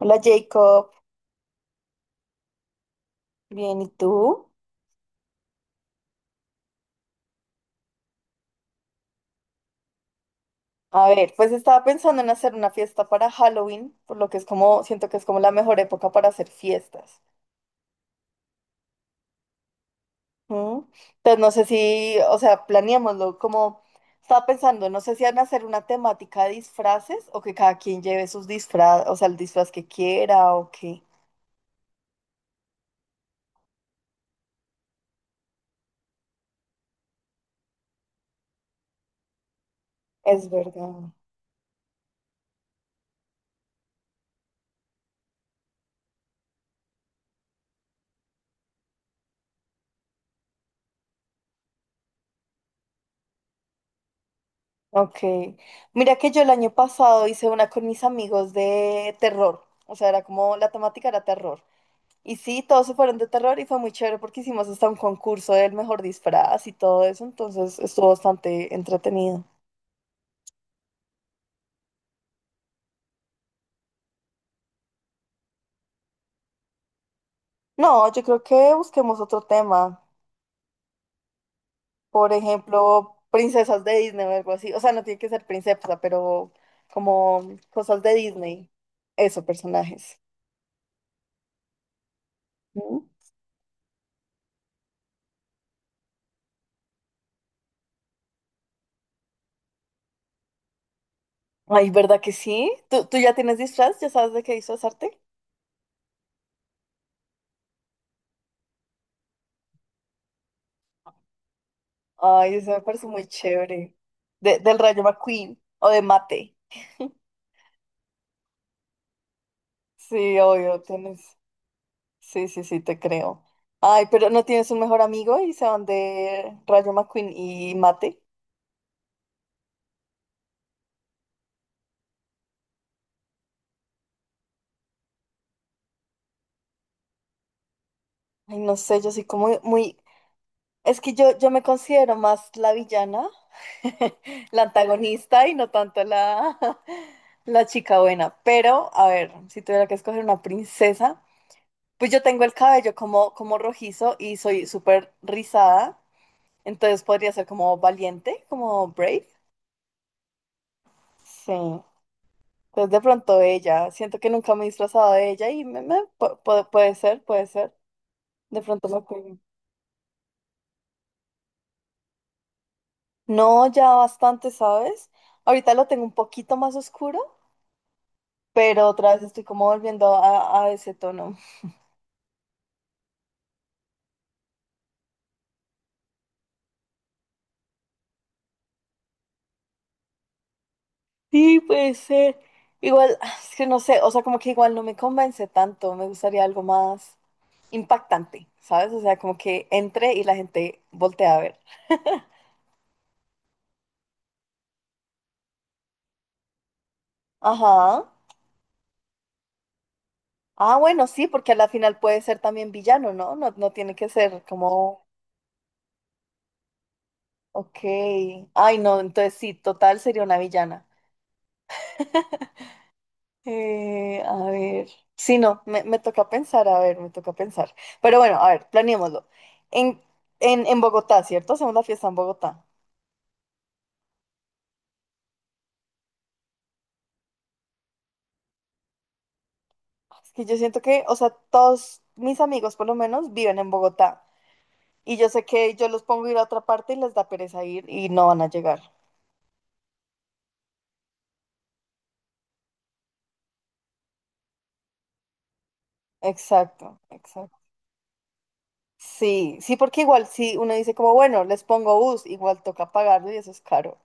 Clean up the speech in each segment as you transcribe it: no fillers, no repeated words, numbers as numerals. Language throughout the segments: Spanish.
Hola Jacob, bien, ¿y tú? A ver, pues estaba pensando en hacer una fiesta para Halloween, por lo que es como, siento que es como la mejor época para hacer fiestas. ¿Mm? Entonces no sé si, o sea, planeémoslo, como estaba pensando, no sé si van a hacer una temática de disfraces o que cada quien lleve sus disfraz, o sea, el disfraz que quiera o qué. Es verdad. Ok. Mira que yo el año pasado hice una con mis amigos de terror, o sea, era como la temática era terror. Y sí, todos se fueron de terror y fue muy chévere porque hicimos hasta un concurso del mejor disfraz y todo eso, entonces estuvo bastante entretenido. No, yo creo que busquemos otro tema, por ejemplo, princesas de Disney o algo así, o sea, no tiene que ser princesa, pero como cosas de Disney, eso, personajes. ¿Mm? Ay, ¿verdad que sí? ¿Tú ya tienes disfraz? ¿Ya sabes de qué disfrazarte? Ay, eso me parece muy chévere. Del Rayo McQueen o de Mate. Sí, obvio, tienes. Sí, sí, sí, te creo. Ay, pero ¿no tienes un mejor amigo y se van de Rayo McQueen y Mate? Ay, no sé, yo soy como muy... Es que yo me considero más la villana, la antagonista y no tanto la, la chica buena. Pero, a ver, si tuviera que escoger una princesa, pues yo tengo el cabello como rojizo y soy súper rizada, entonces podría ser como valiente, como brave. Sí. Entonces de pronto ella, siento que nunca me he disfrazado de ella y puede ser, puede ser. De pronto me acuerdo. No, ya bastante, ¿sabes? Ahorita lo tengo un poquito más oscuro, pero otra vez estoy como volviendo a ese tono. Sí, puede ser. Igual, es que no sé, o sea, como que igual no me convence tanto, me gustaría algo más impactante, ¿sabes? O sea, como que entre y la gente voltea a ver. Ajá. Ah, bueno, sí, porque a la final puede ser también villano, ¿no? No, no tiene que ser como... Ok. Ay, no, entonces sí, total sería una villana. A ver. Sí, no, me toca pensar, a ver, me toca pensar. Pero bueno, a ver, planeémoslo. En, en Bogotá, ¿cierto? Hacemos la fiesta en Bogotá. Es que yo siento que, o sea, todos mis amigos por lo menos viven en Bogotá. Y yo sé que yo los pongo a ir a otra parte y les da pereza ir y no van a llegar. Exacto, exacto. Sí, sí, porque igual si uno dice como, bueno, les pongo bus, igual toca pagarlo y eso es caro.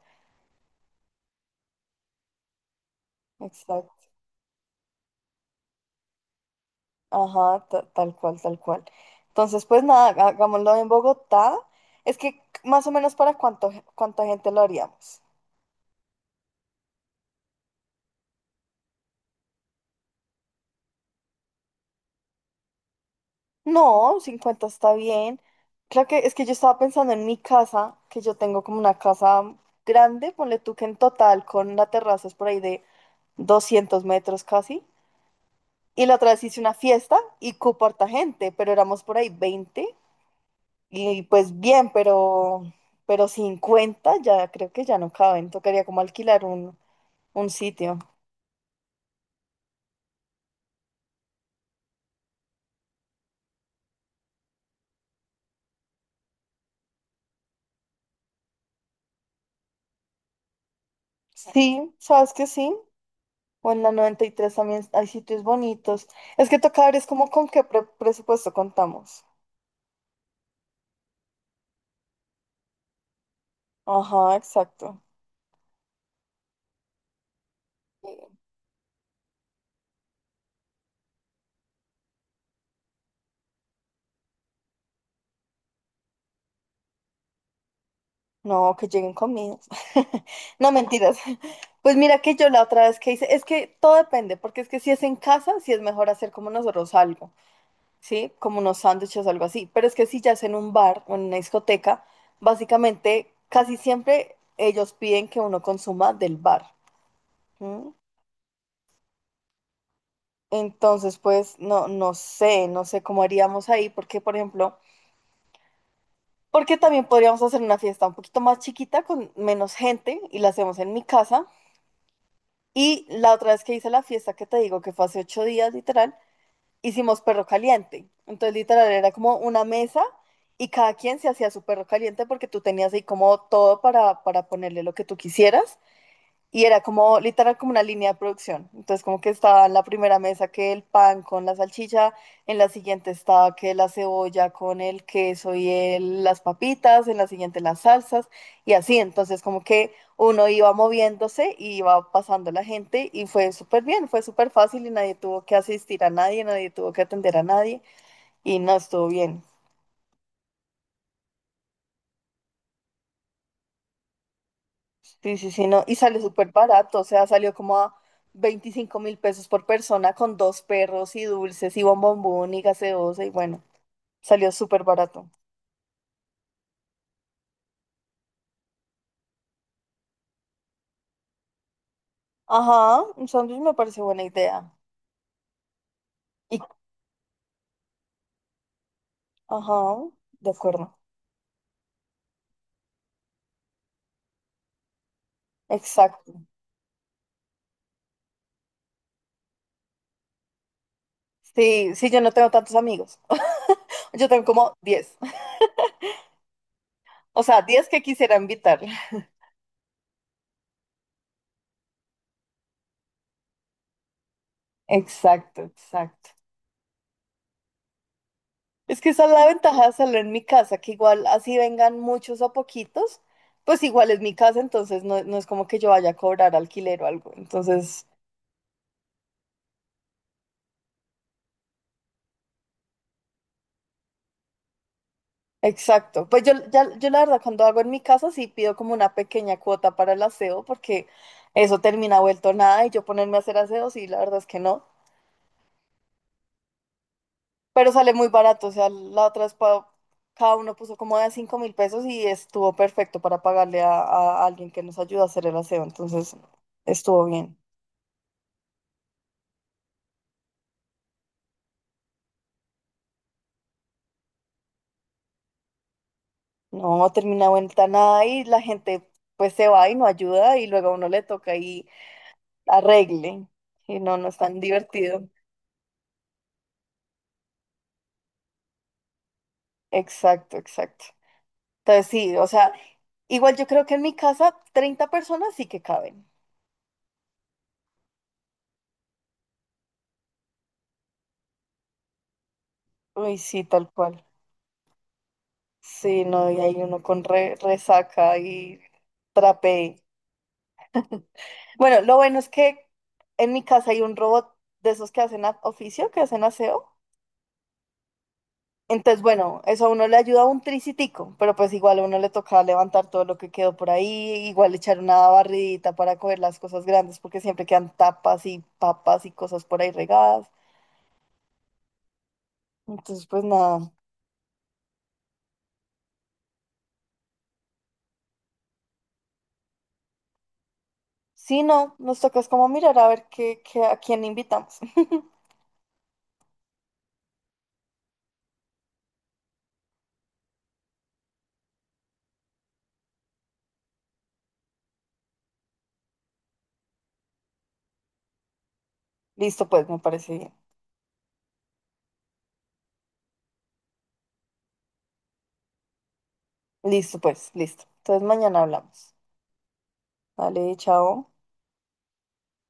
Exacto. Ajá, tal cual, tal cual. Entonces, pues nada, hagámoslo en Bogotá. Es que más o menos para cuánto, cuánta gente lo haríamos. No, 50 está bien. Claro que es que yo estaba pensando en mi casa, que yo tengo como una casa grande, ponle tú que en total con la terraza es por ahí de 200 metros casi. Y la otra vez hice una fiesta y cupo harta gente, pero éramos por ahí 20. Y pues bien, pero 50 ya creo que ya no caben. Tocaría como alquilar un sitio. Sí, sabes que sí. O en la 93 también hay sitios bonitos. Es que toca ver es como con qué presupuesto contamos. Ajá, exacto. No, que lleguen comidas. No, mentiras. Pues mira que yo la otra vez que hice, es que todo depende, porque es que si es en casa, si es mejor hacer como nosotros algo. ¿Sí? Como unos sándwiches o algo así. Pero es que si ya es en un bar o en una discoteca, básicamente casi siempre ellos piden que uno consuma del bar. ¿M? Entonces, pues no, no sé, no sé cómo haríamos ahí, porque por ejemplo, porque también podríamos hacer una fiesta un poquito más chiquita con menos gente y la hacemos en mi casa. Y la otra vez que hice la fiesta que te digo que fue hace 8 días, literal, hicimos perro caliente. Entonces, literal, era como una mesa y cada quien se hacía su perro caliente porque tú tenías ahí como todo para ponerle lo que tú quisieras. Y era como literal como una línea de producción. Entonces como que estaba en la primera mesa que el pan con la salchicha, en la siguiente estaba que la cebolla con el queso y las papitas, en la siguiente las salsas y así. Entonces como que uno iba moviéndose y iba pasando la gente y fue súper bien, fue súper fácil y nadie tuvo que asistir a nadie, nadie tuvo que atender a nadie y no estuvo bien. Sí, sí, sí, no. Y sale súper barato, o sea, salió como a 25 mil pesos por persona con dos perros y dulces y bombombón y gaseosa y bueno, salió súper barato. Ajá, un sándwich me parece buena idea. Y, ajá, de acuerdo. Exacto. Sí, sí, yo no tengo tantos amigos. Yo tengo como 10. O sea, 10 que quisiera invitar. Exacto, exacto. Es que esa es la ventaja de hacerlo en mi casa, que igual así vengan muchos o poquitos, pues igual es mi casa, entonces no, no es como que yo vaya a cobrar alquiler o algo. Entonces, exacto. Pues yo, yo la verdad cuando hago en mi casa sí pido como una pequeña cuota para el aseo, porque eso termina vuelto nada y yo ponerme a hacer aseo, sí, la verdad es que no. Pero sale muy barato, o sea, la otra vez cada uno puso como de 5.000 pesos y estuvo perfecto para pagarle a alguien que nos ayuda a hacer el aseo, entonces estuvo bien. No, termina ventana ahí, la gente pues se va y no ayuda y luego a uno le toca ahí arregle. Y no, no es tan divertido. Exacto, exacto. Entonces sí, o sea, igual yo creo que en mi casa 30 personas sí que caben. Uy, sí, tal cual. Sí, no, y hay uno con resaca y trapé. Bueno, lo bueno es que en mi casa hay un robot de esos que hacen oficio, que hacen aseo. Entonces, bueno, eso a uno le ayuda un tricitico, pero pues igual a uno le toca levantar todo lo que quedó por ahí, igual echar una barridita para coger las cosas grandes, porque siempre quedan tapas y papas y cosas por ahí regadas. Entonces, pues nada. Sí, no, nos toca es como mirar a ver qué, a quién invitamos. Listo, pues, me parece bien. Listo, pues, listo. Entonces mañana hablamos. Vale, chao.